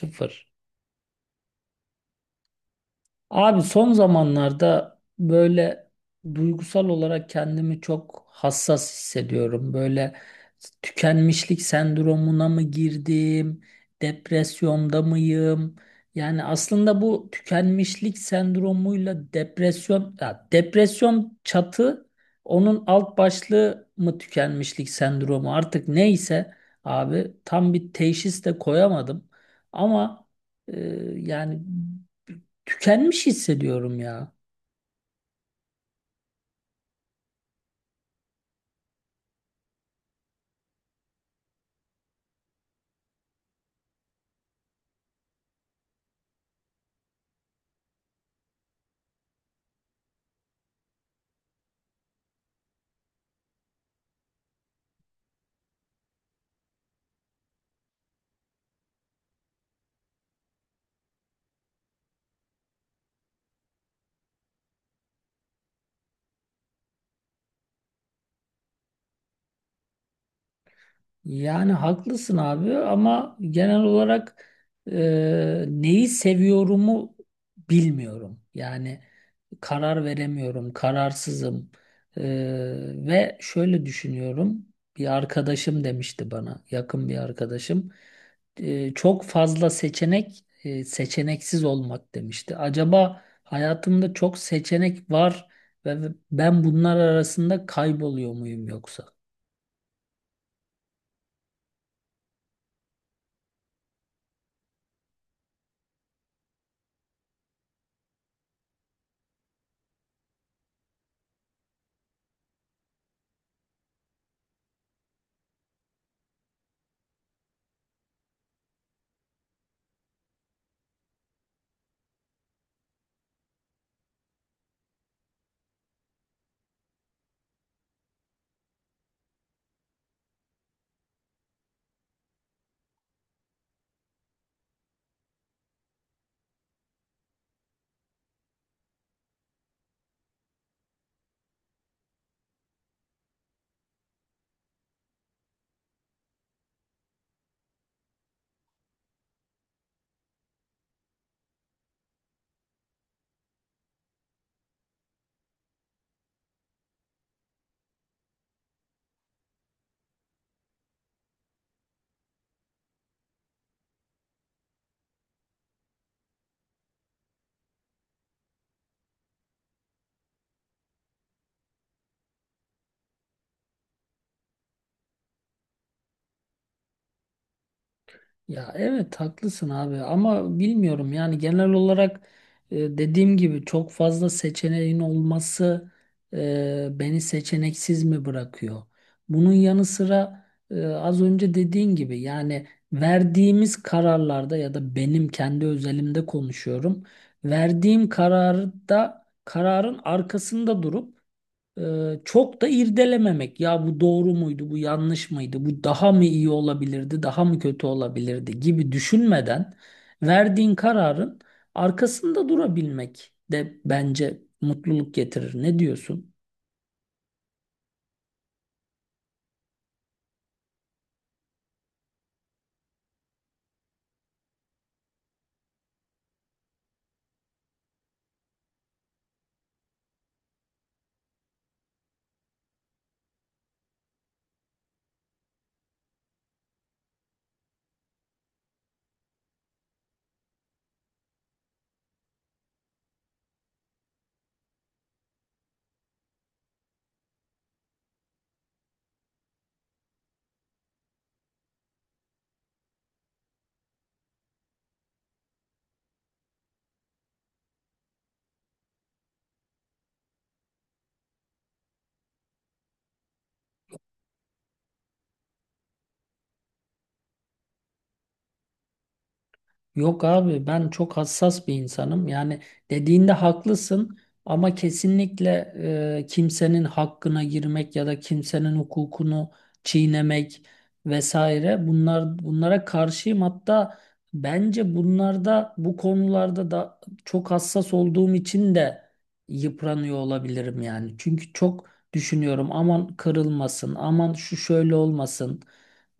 Sıfır. Abi son zamanlarda böyle duygusal olarak kendimi çok hassas hissediyorum. Böyle tükenmişlik sendromuna mı girdim, depresyonda mıyım? Yani aslında bu tükenmişlik sendromuyla depresyon, ya depresyon çatı, onun alt başlığı mı tükenmişlik sendromu artık neyse abi tam bir teşhis de koyamadım. Ama e, yani tükenmiş hissediyorum ya. Yani haklısın abi ama genel olarak neyi seviyorumu bilmiyorum. Yani karar veremiyorum, kararsızım. E, Ve şöyle düşünüyorum. Bir arkadaşım demişti bana, yakın bir arkadaşım. Çok fazla seçenek, seçeneksiz olmak demişti. Acaba hayatımda çok seçenek var ve ben bunlar arasında kayboluyor muyum yoksa? Ya evet haklısın abi ama bilmiyorum yani genel olarak dediğim gibi çok fazla seçeneğin olması beni seçeneksiz mi bırakıyor? Bunun yanı sıra az önce dediğin gibi yani verdiğimiz kararlarda ya da benim kendi özelimde konuşuyorum. Verdiğim kararda kararın arkasında durup çok da irdelememek. Ya bu doğru muydu, bu yanlış mıydı, bu daha mı iyi olabilirdi, daha mı kötü olabilirdi gibi düşünmeden verdiğin kararın arkasında durabilmek de bence mutluluk getirir. Ne diyorsun? Yok abi ben çok hassas bir insanım. Yani dediğinde haklısın ama kesinlikle kimsenin hakkına girmek ya da kimsenin hukukunu çiğnemek vesaire bunlara karşıyım. Hatta bence bunlarda bu konularda da çok hassas olduğum için de yıpranıyor olabilirim yani. Çünkü çok düşünüyorum aman kırılmasın, aman şu şöyle olmasın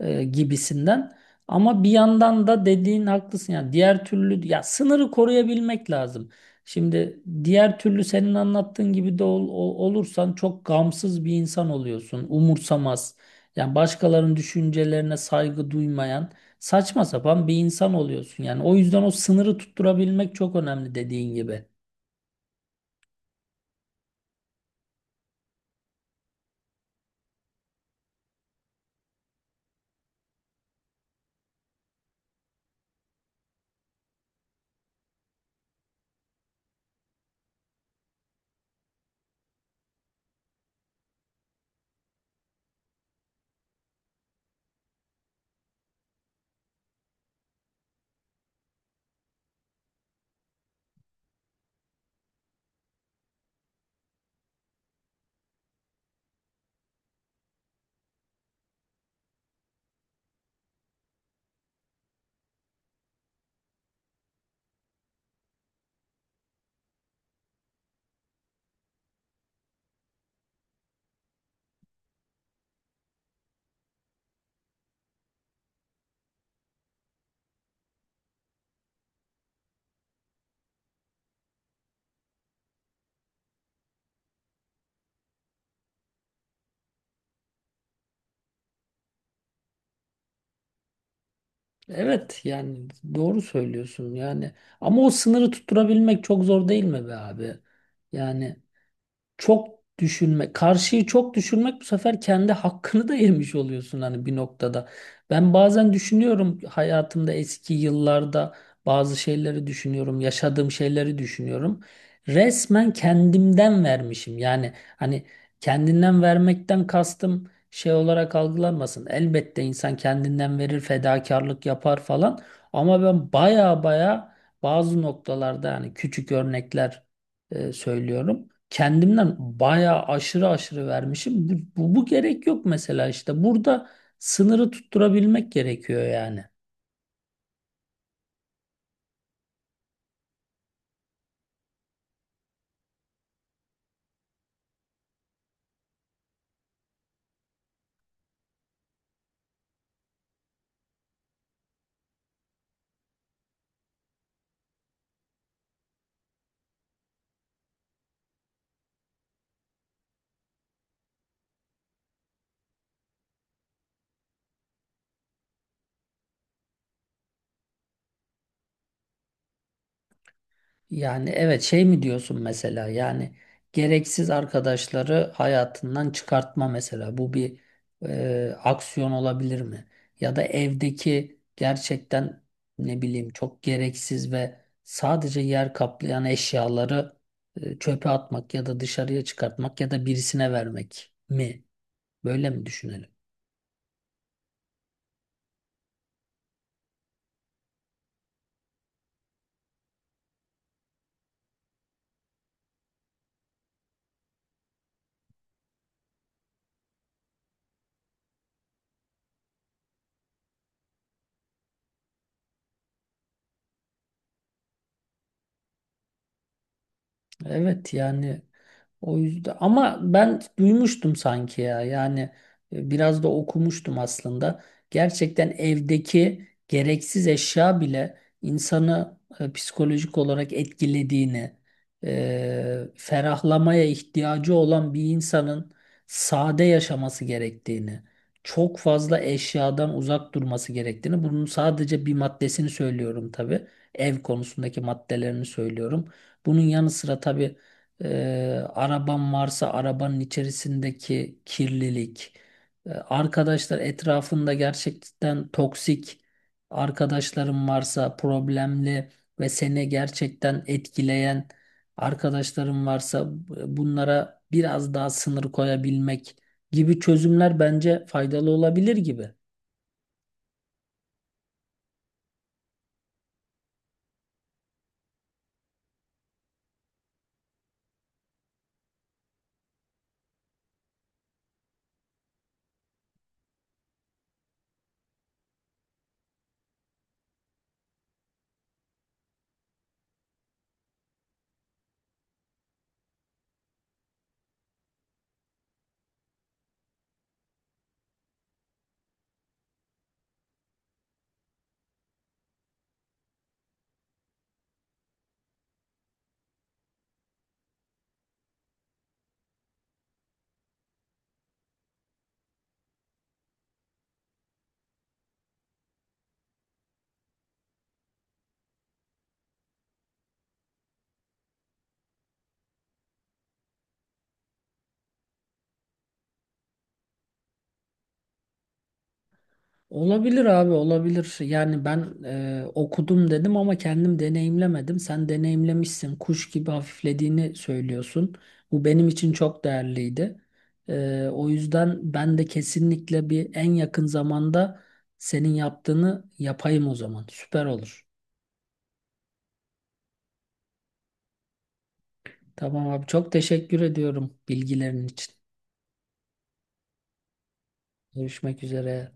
gibisinden. Ama bir yandan da dediğin haklısın ya diğer türlü ya sınırı koruyabilmek lazım. Şimdi diğer türlü senin anlattığın gibi de olursan çok gamsız bir insan oluyorsun. Umursamaz. Yani başkalarının düşüncelerine saygı duymayan saçma sapan bir insan oluyorsun. Yani o yüzden o sınırı tutturabilmek çok önemli dediğin gibi. Evet yani doğru söylüyorsun yani ama o sınırı tutturabilmek çok zor değil mi be abi? Yani çok düşünme, karşıyı çok düşünmek bu sefer kendi hakkını da yemiş oluyorsun hani bir noktada. Ben bazen düşünüyorum hayatımda eski yıllarda bazı şeyleri düşünüyorum, yaşadığım şeyleri düşünüyorum. Resmen kendimden vermişim. Yani hani kendinden vermekten kastım şey olarak algılanmasın. Elbette insan kendinden verir, fedakarlık yapar falan. Ama ben baya baya bazı noktalarda yani küçük örnekler söylüyorum kendimden bayağı aşırı aşırı vermişim. Bu gerek yok mesela işte. Burada sınırı tutturabilmek gerekiyor yani. Yani evet şey mi diyorsun mesela yani gereksiz arkadaşları hayatından çıkartma mesela. Bu bir aksiyon olabilir mi? Ya da evdeki gerçekten ne bileyim çok gereksiz ve sadece yer kaplayan eşyaları çöpe atmak ya da dışarıya çıkartmak ya da birisine vermek mi? Böyle mi düşünelim? Evet yani o yüzden ama ben duymuştum sanki ya yani biraz da okumuştum aslında. Gerçekten evdeki gereksiz eşya bile insanı psikolojik olarak etkilediğini, ferahlamaya ihtiyacı olan bir insanın sade yaşaması gerektiğini, çok fazla eşyadan uzak durması gerektiğini, bunun sadece bir maddesini söylüyorum tabii ev konusundaki maddelerini söylüyorum. Bunun yanı sıra tabii e, araban varsa arabanın içerisindeki kirlilik, arkadaşlar etrafında gerçekten toksik arkadaşların varsa problemli ve seni gerçekten etkileyen arkadaşların varsa bunlara biraz daha sınır koyabilmek gibi çözümler bence faydalı olabilir gibi. Olabilir abi olabilir. Yani ben okudum dedim ama kendim deneyimlemedim. Sen deneyimlemişsin. Kuş gibi hafiflediğini söylüyorsun. Bu benim için çok değerliydi. O yüzden ben de kesinlikle bir en yakın zamanda senin yaptığını yapayım o zaman. Süper olur. Tamam abi çok teşekkür ediyorum bilgilerin için. Görüşmek üzere.